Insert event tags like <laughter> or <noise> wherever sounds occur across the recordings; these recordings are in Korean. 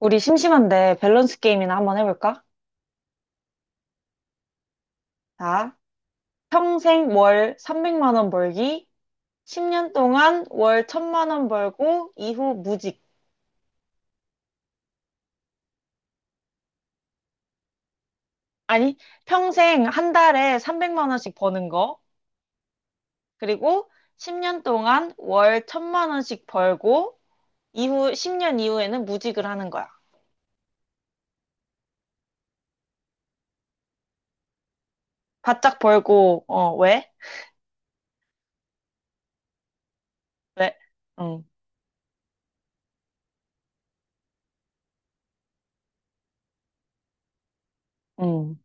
우리 심심한데 밸런스 게임이나 한번 해볼까? 자, 평생 월 300만 원 벌기, 10년 동안 월 1000만 원 벌고, 이후 무직. 아니, 평생 한 달에 300만 원씩 버는 거. 그리고 10년 동안 월 1000만 원씩 벌고, 이후 10년 이후에는 무직을 하는 거야. 바짝 벌고, 왜? 왜? 응, 응,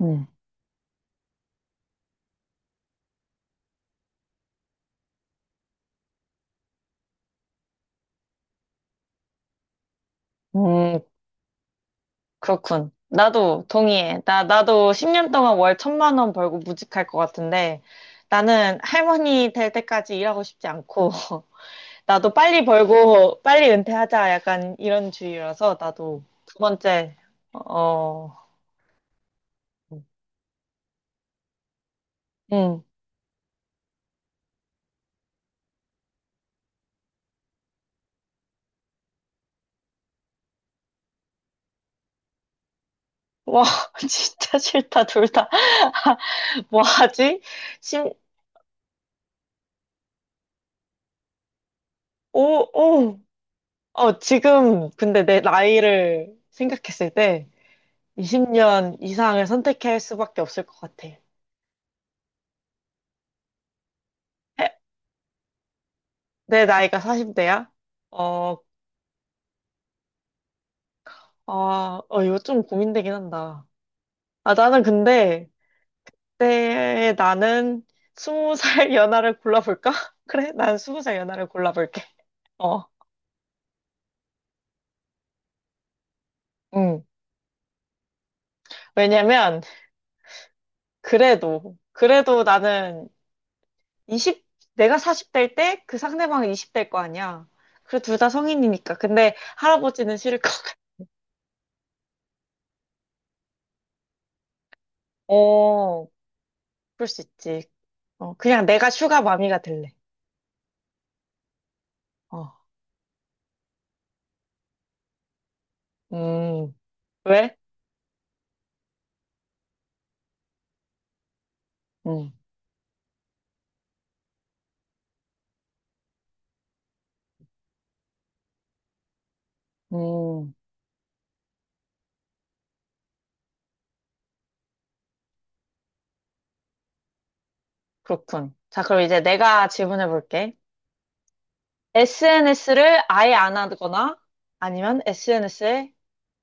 응. 음, 그렇군. 나도 동의해. 나도 10년 동안 월 1000만 원 벌고 무직할 것 같은데. 나는 할머니 될 때까지 일하고 싶지 않고. <laughs> 나도 빨리 벌고 빨리 은퇴하자 약간 이런 주의라서 나도 두 번째. 어, 응. 와, <laughs> 진짜 싫다, 둘 다. <laughs> 뭐 하지? 심, 오, 오. 지금, 근데 내 나이를 생각했을 때 20년 이상을 선택할 수밖에 없을 것 같아. 내 나이가 40대야? 어, 이거 좀 고민되긴 한다. 아, 나는 근데, 그때 나는 스무살 연하를 골라볼까? <laughs> 그래? 난 스무살 연하를 골라볼게. 어, 응. 왜냐면, 그래도 나는 20, 내가 40대일 때 그 상대방은 20대일 거 아니야. 그래, 둘 다 성인이니까. 근데 할아버지는 싫을 것 같아. 어, 그럴 수 있지. 그냥 내가 슈가 마미가 될래. 어, 음, 왜? 음, 그렇군. 자, 그럼 이제 내가 질문해 볼게. SNS를 아예 안 하거나 아니면 SNS에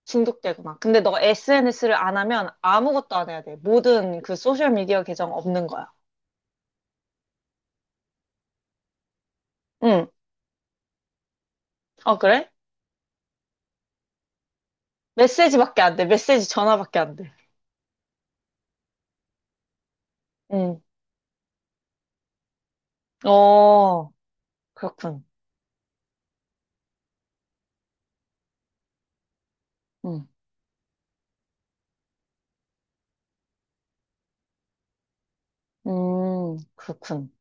중독되거나. 근데 너 SNS를 안 하면 아무것도 안 해야 돼. 모든 그 소셜미디어 계정 없는 거야. 응. 그래? 메시지밖에 안 돼. 메시지 전화밖에 안 돼. 응. 어, 그렇군. 응. 그렇군.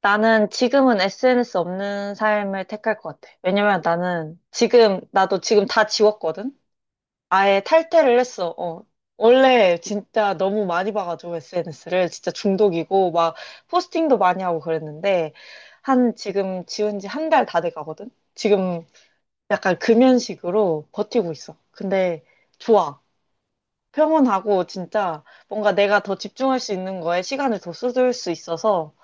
나는 지금은 SNS 없는 삶을 택할 것 같아. 왜냐면 나도 지금 다 지웠거든? 아예 탈퇴를 했어. 어. 원래 진짜 너무 많이 봐가지고 SNS를 진짜 중독이고 막 포스팅도 많이 하고 그랬는데 한 지금 지운 지 한 달 다 돼 가거든. 지금 약간 금연식으로 버티고 있어. 근데 좋아. 평온하고 진짜 뭔가 내가 더 집중할 수 있는 거에 시간을 더 쏟을 수 있어서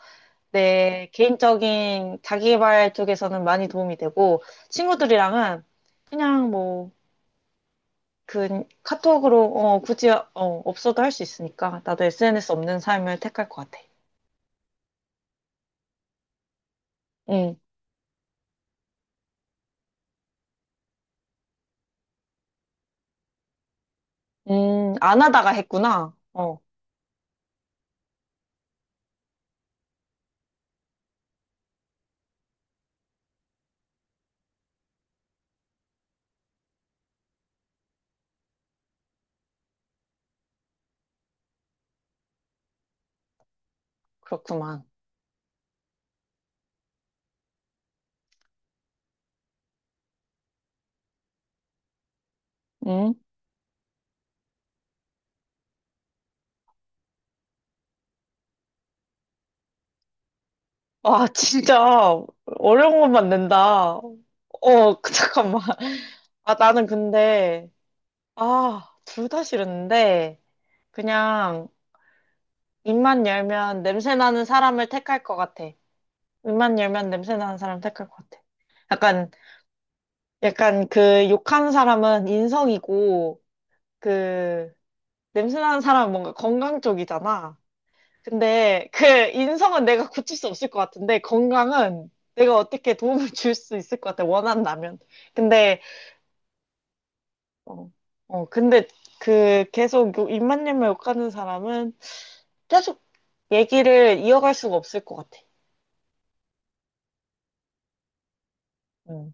내 개인적인 자기개발 쪽에서는 많이 도움이 되고 친구들이랑은 그냥 뭐 그 카톡으로 굳이 없어도 할 수 있으니까 나도 SNS 없는 삶을 택할 것 같아. 응, 안 하다가 했구나. 그렇구만. 응? 와, 진짜 어려운 것만 낸다. <laughs> 잠깐만. 아, 나는 근데, 둘 다 싫은데 그냥 입만 열면 냄새 나는 사람을 택할 것 같아. 입만 열면 냄새 나는 사람 택할 것 같아. 약간 약간 그 욕하는 사람은 인성이고 그 냄새나는 사람은 뭔가 건강 쪽이잖아. 근데 그 인성은 내가 고칠 수 없을 것 같은데 건강은 내가 어떻게 도움을 줄 수 있을 것 같아. 원한다면. 근데 어, 어 근데 그 계속 입만님을 욕하는 사람은 계속 얘기를 이어갈 수가 없을 것 같아. 응,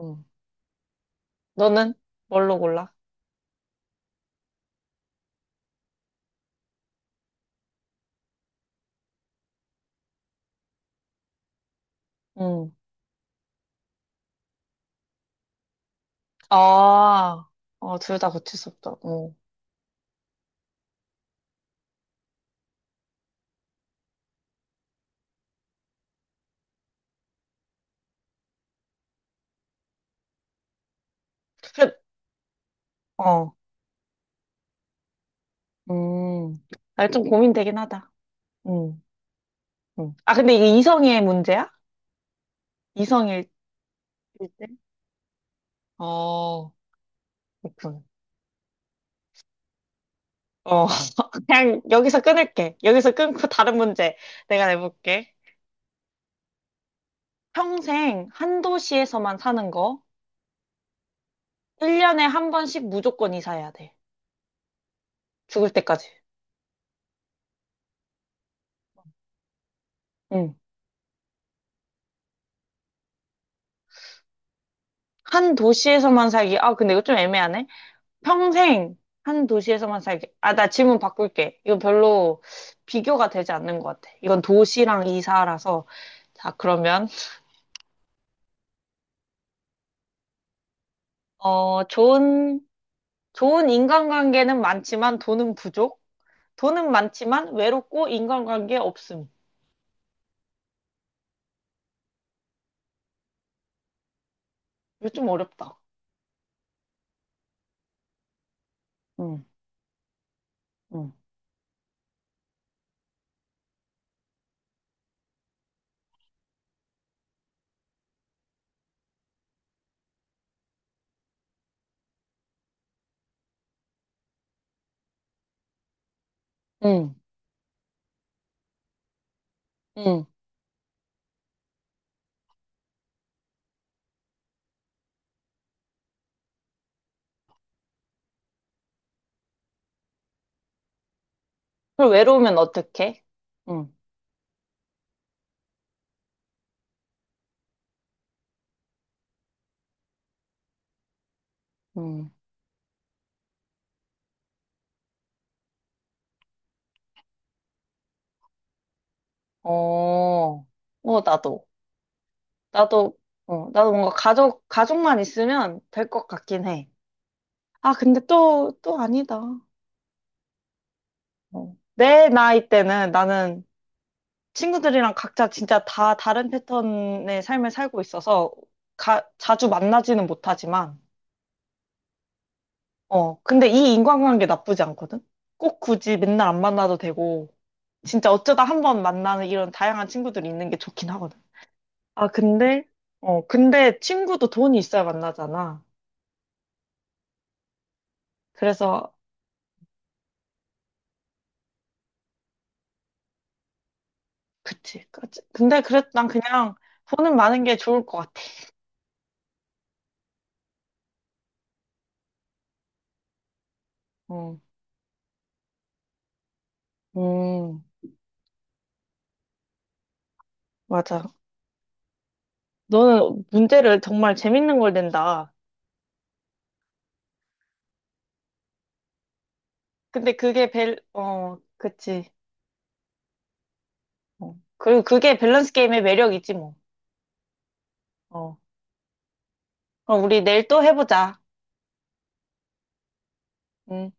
응. 너는 뭘로 골라? 응. 아, 둘 다 고칠 수 없다. 응. 그래, 어, 음. 나 좀 고민되긴 하다. 응. 응. 아, 근데 이게 이성의 문제야? 이성일 때? 어, 그렇군. 어, <laughs> 그냥 여기서 끊을게. 여기서 끊고 다른 문제 내가 내볼게. 평생 한 도시에서만 사는 거. 1년에 한 번씩 무조건 이사해야 돼. 죽을 때까지. 응. 한 도시에서만 살기. 아, 근데 이거 좀 애매하네. 평생 한 도시에서만 살기. 아, 나 질문 바꿀게. 이거 별로 비교가 되지 않는 것 같아. 이건 도시랑 이사라서. 자, 그러면, 어, 좋은 좋은 인간관계는 많지만 돈은 부족. 돈은 많지만 외롭고 인간관계 없음. 이거 좀 어렵다. 응, 응, 응, 응. 그걸 외로우면 어떡해? 응, 응. 어, 어, 나도. 나도, 나도 뭔가 가족만 있으면 될 것 같긴 해. 아, 근데 또, 또 아니다. 어. 내 나이 때는 나는 친구들이랑 각자 진짜 다 다른 패턴의 삶을 살고 있어서 자주 만나지는 못하지만, 근데 이 인간관계 나쁘지 않거든? 꼭 굳이 맨날 안 만나도 되고, 진짜 어쩌다 한번 만나는 이런 다양한 친구들이 있는 게 좋긴 하거든. 아, 근데 친구도 돈이 있어야 만나잖아. 그래서, 그치. 그치. 근데 그래, 난 그냥 돈은 많은 게 좋을 것 같아. 어, 음, 맞아. 너는 문제를 정말 재밌는 걸 낸다. 근데 그게 그치. 어. 그리고 그게 밸런스 게임의 매력이지, 뭐. 어. 그럼 우리 내일 또 해보자. 음.